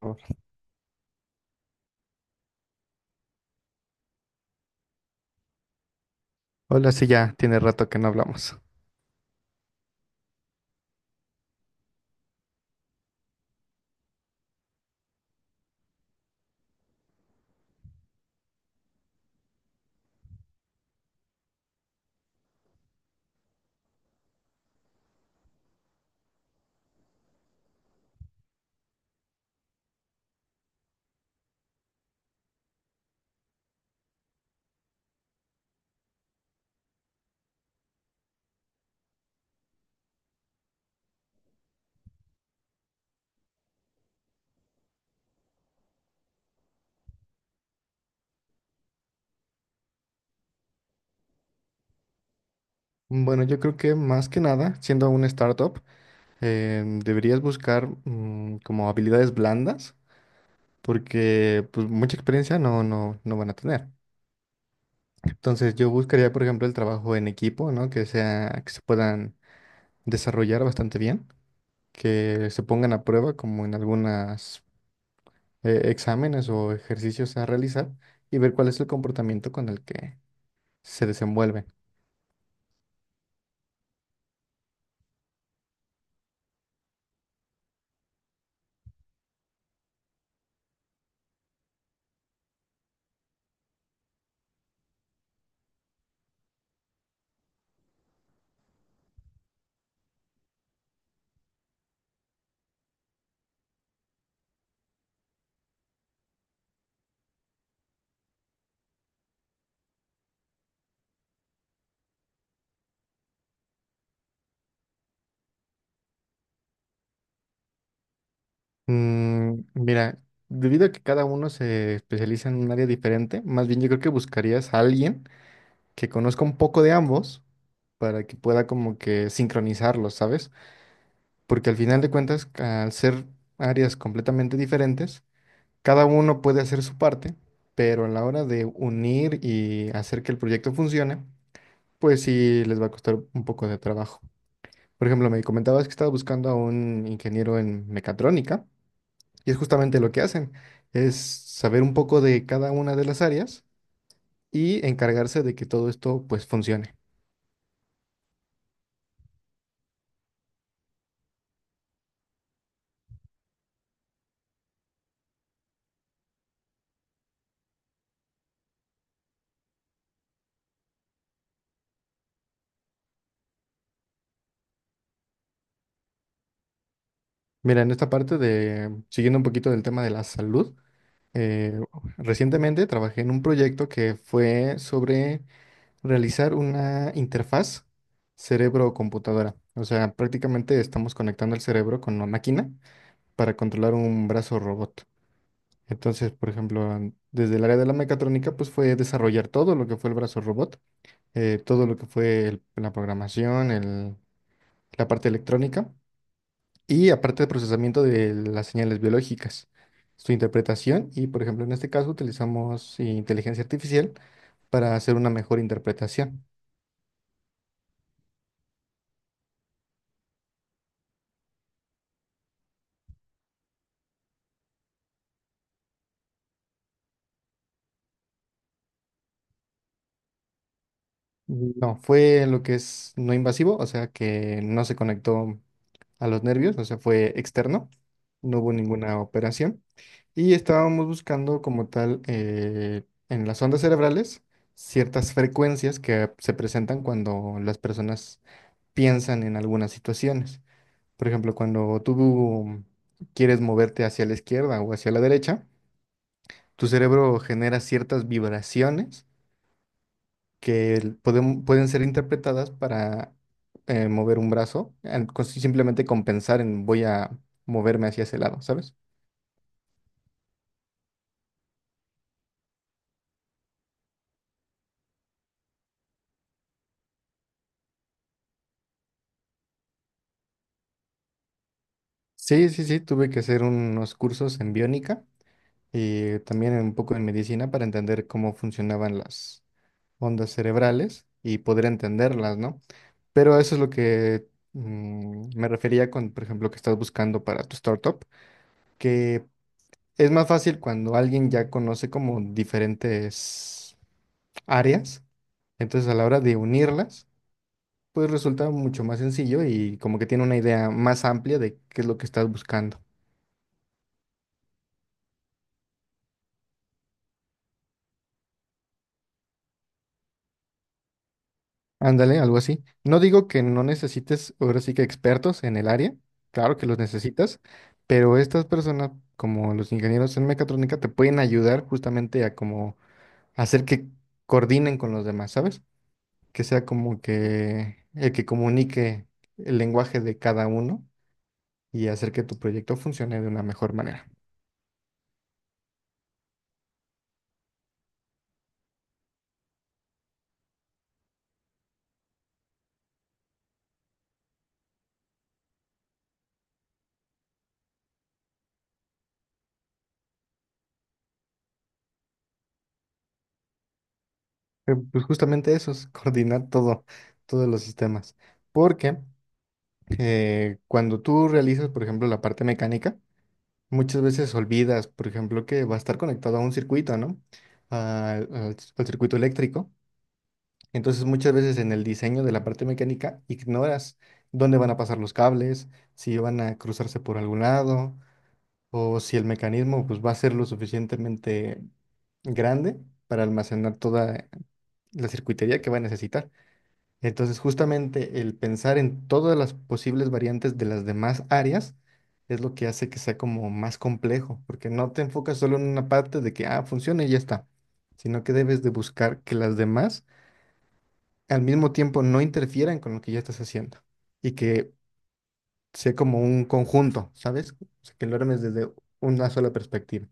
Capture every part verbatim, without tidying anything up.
Hola. Hola, sí, ya tiene rato que no hablamos. Bueno, yo creo que más que nada, siendo una startup, eh, deberías buscar mm, como habilidades blandas, porque pues mucha experiencia no, no, no van a tener. Entonces yo buscaría, por ejemplo, el trabajo en equipo, ¿no? Que sea, que se puedan desarrollar bastante bien, que se pongan a prueba como en algunos exámenes o ejercicios a realizar y ver cuál es el comportamiento con el que se desenvuelve. Mm, mira, debido a que cada uno se especializa en un área diferente, más bien yo creo que buscarías a alguien que conozca un poco de ambos para que pueda como que sincronizarlos, ¿sabes? Porque al final de cuentas, al ser áreas completamente diferentes, cada uno puede hacer su parte, pero a la hora de unir y hacer que el proyecto funcione, pues sí les va a costar un poco de trabajo. Por ejemplo, me comentabas que estabas buscando a un ingeniero en mecatrónica. Y es justamente lo que hacen, es saber un poco de cada una de las áreas y encargarse de que todo esto pues funcione. Mira, en esta parte de, siguiendo un poquito del tema de la salud, eh, recientemente trabajé en un proyecto que fue sobre realizar una interfaz cerebro-computadora. O sea, prácticamente estamos conectando el cerebro con una máquina para controlar un brazo robot. Entonces, por ejemplo, desde el área de la mecatrónica, pues fue desarrollar todo lo que fue el brazo robot, eh, todo lo que fue el- la programación, el- la parte electrónica y aparte el procesamiento de las señales biológicas, su interpretación y, por ejemplo, en este caso utilizamos inteligencia artificial para hacer una mejor interpretación. No, fue lo que es no invasivo, o sea que no se conectó a los nervios, o sea, fue externo, no hubo ninguna operación. Y estábamos buscando como tal eh, en las ondas cerebrales ciertas frecuencias que se presentan cuando las personas piensan en algunas situaciones. Por ejemplo, cuando tú quieres moverte hacia la izquierda o hacia la derecha, tu cerebro genera ciertas vibraciones que el- podem- pueden ser interpretadas para eh, mover un brazo, al- con- simplemente compensar en voy a moverme hacia ese lado, ¿sabes? Sí, sí, sí, tuve que hacer unos cursos en biónica y también un poco en medicina para entender cómo funcionaban las ondas cerebrales y poder entenderlas, ¿no? Pero eso es lo que mm, me refería con, por ejemplo, que estás buscando para tu startup, que es más fácil cuando alguien ya conoce como diferentes áreas. Entonces, a la hora de unirlas, pues resulta mucho más sencillo y como que tiene una idea más amplia de qué es lo que estás buscando. Ándale, algo así. No digo que no necesites ahora sí que expertos en el área, claro que los necesitas, pero estas personas, como los ingenieros en mecatrónica, te pueden ayudar justamente a como hacer que coordinen con los demás, ¿sabes? Que sea como que el que comunique el lenguaje de cada uno y hacer que tu proyecto funcione de una mejor manera. Eh, Pues justamente eso es coordinar todo, todos los sistemas. Porque eh, cuando tú realizas, por ejemplo, la parte mecánica, muchas veces olvidas, por ejemplo, que va a estar conectado a un circuito, ¿no? Al, al al circuito eléctrico. Entonces, muchas veces en el diseño de la parte mecánica ignoras dónde van a pasar los cables, si van a cruzarse por algún lado, o si el mecanismo pues, va a ser lo suficientemente grande para almacenar toda la circuitería que va a necesitar. Entonces, justamente el pensar en todas las posibles variantes de las demás áreas es lo que hace que sea como más complejo, porque no te enfocas solo en una parte de que, ah, funciona y ya está, sino que debes de buscar que las demás al mismo tiempo no interfieran con lo que ya estás haciendo y que sea como un conjunto, ¿sabes? O sea, que lo armes desde una sola perspectiva.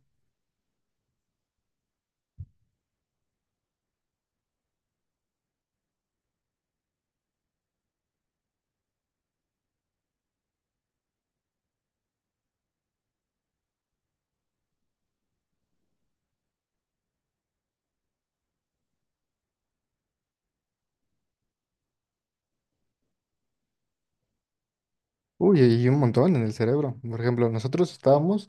Uy, hay un montón en el cerebro. Por ejemplo, nosotros estábamos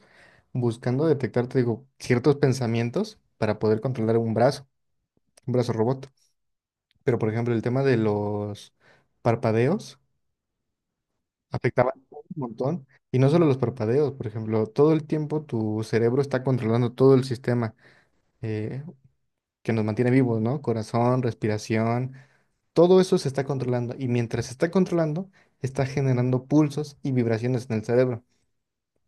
buscando detectar, te digo, ciertos pensamientos para poder controlar un brazo. un brazo robot. Pero, por ejemplo, el tema de los parpadeos afectaba un montón. Y no solo los parpadeos, por ejemplo, todo el tiempo tu cerebro está controlando todo el sistema eh, que nos mantiene vivos, ¿no? Corazón, respiración, todo eso se está controlando. Y mientras se está controlando, está generando pulsos y vibraciones en el cerebro.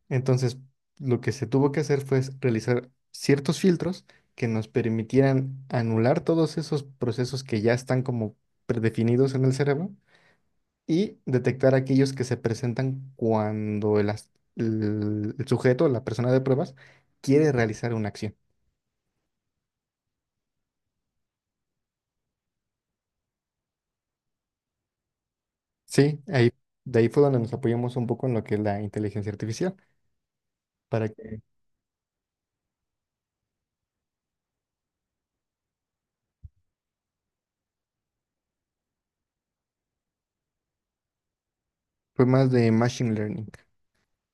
Entonces, lo que se tuvo que hacer fue realizar ciertos filtros que nos permitieran anular todos esos procesos que ya están como predefinidos en el cerebro y detectar aquellos que se presentan cuando el, as- el- el sujeto, la persona de pruebas, quiere realizar una acción. Sí, ahí, de ahí fue donde nos apoyamos un poco en lo que es la inteligencia artificial, para que fue más de machine learning.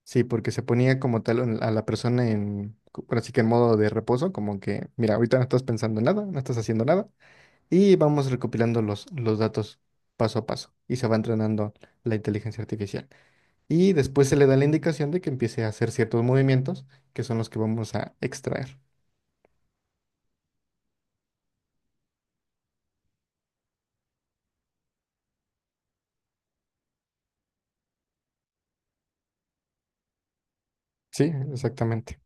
Sí, porque se ponía como tal en- a la persona en, co- ahora sí que en modo de reposo, como que, mira, ahorita no estás pensando en nada, no estás haciendo nada, y vamos recopilando los, los datos paso a paso, y se va entrenando la inteligencia artificial. Y después se le da la indicación de que empiece a hacer ciertos movimientos que son los que vamos a extraer. Sí, exactamente.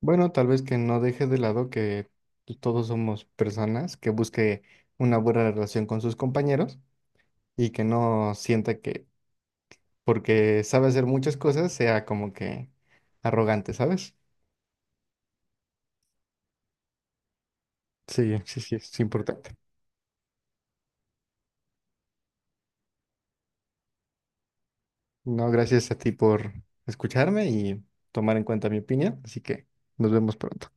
Bueno, tal vez que no deje de lado que todos somos personas, que busque una buena relación con sus compañeros y que no sienta que porque sabe hacer muchas cosas sea como que arrogante, ¿sabes? Sí, sí, sí, es importante. No, gracias a ti por escucharme y tomar en cuenta mi opinión, así que nos vemos pronto.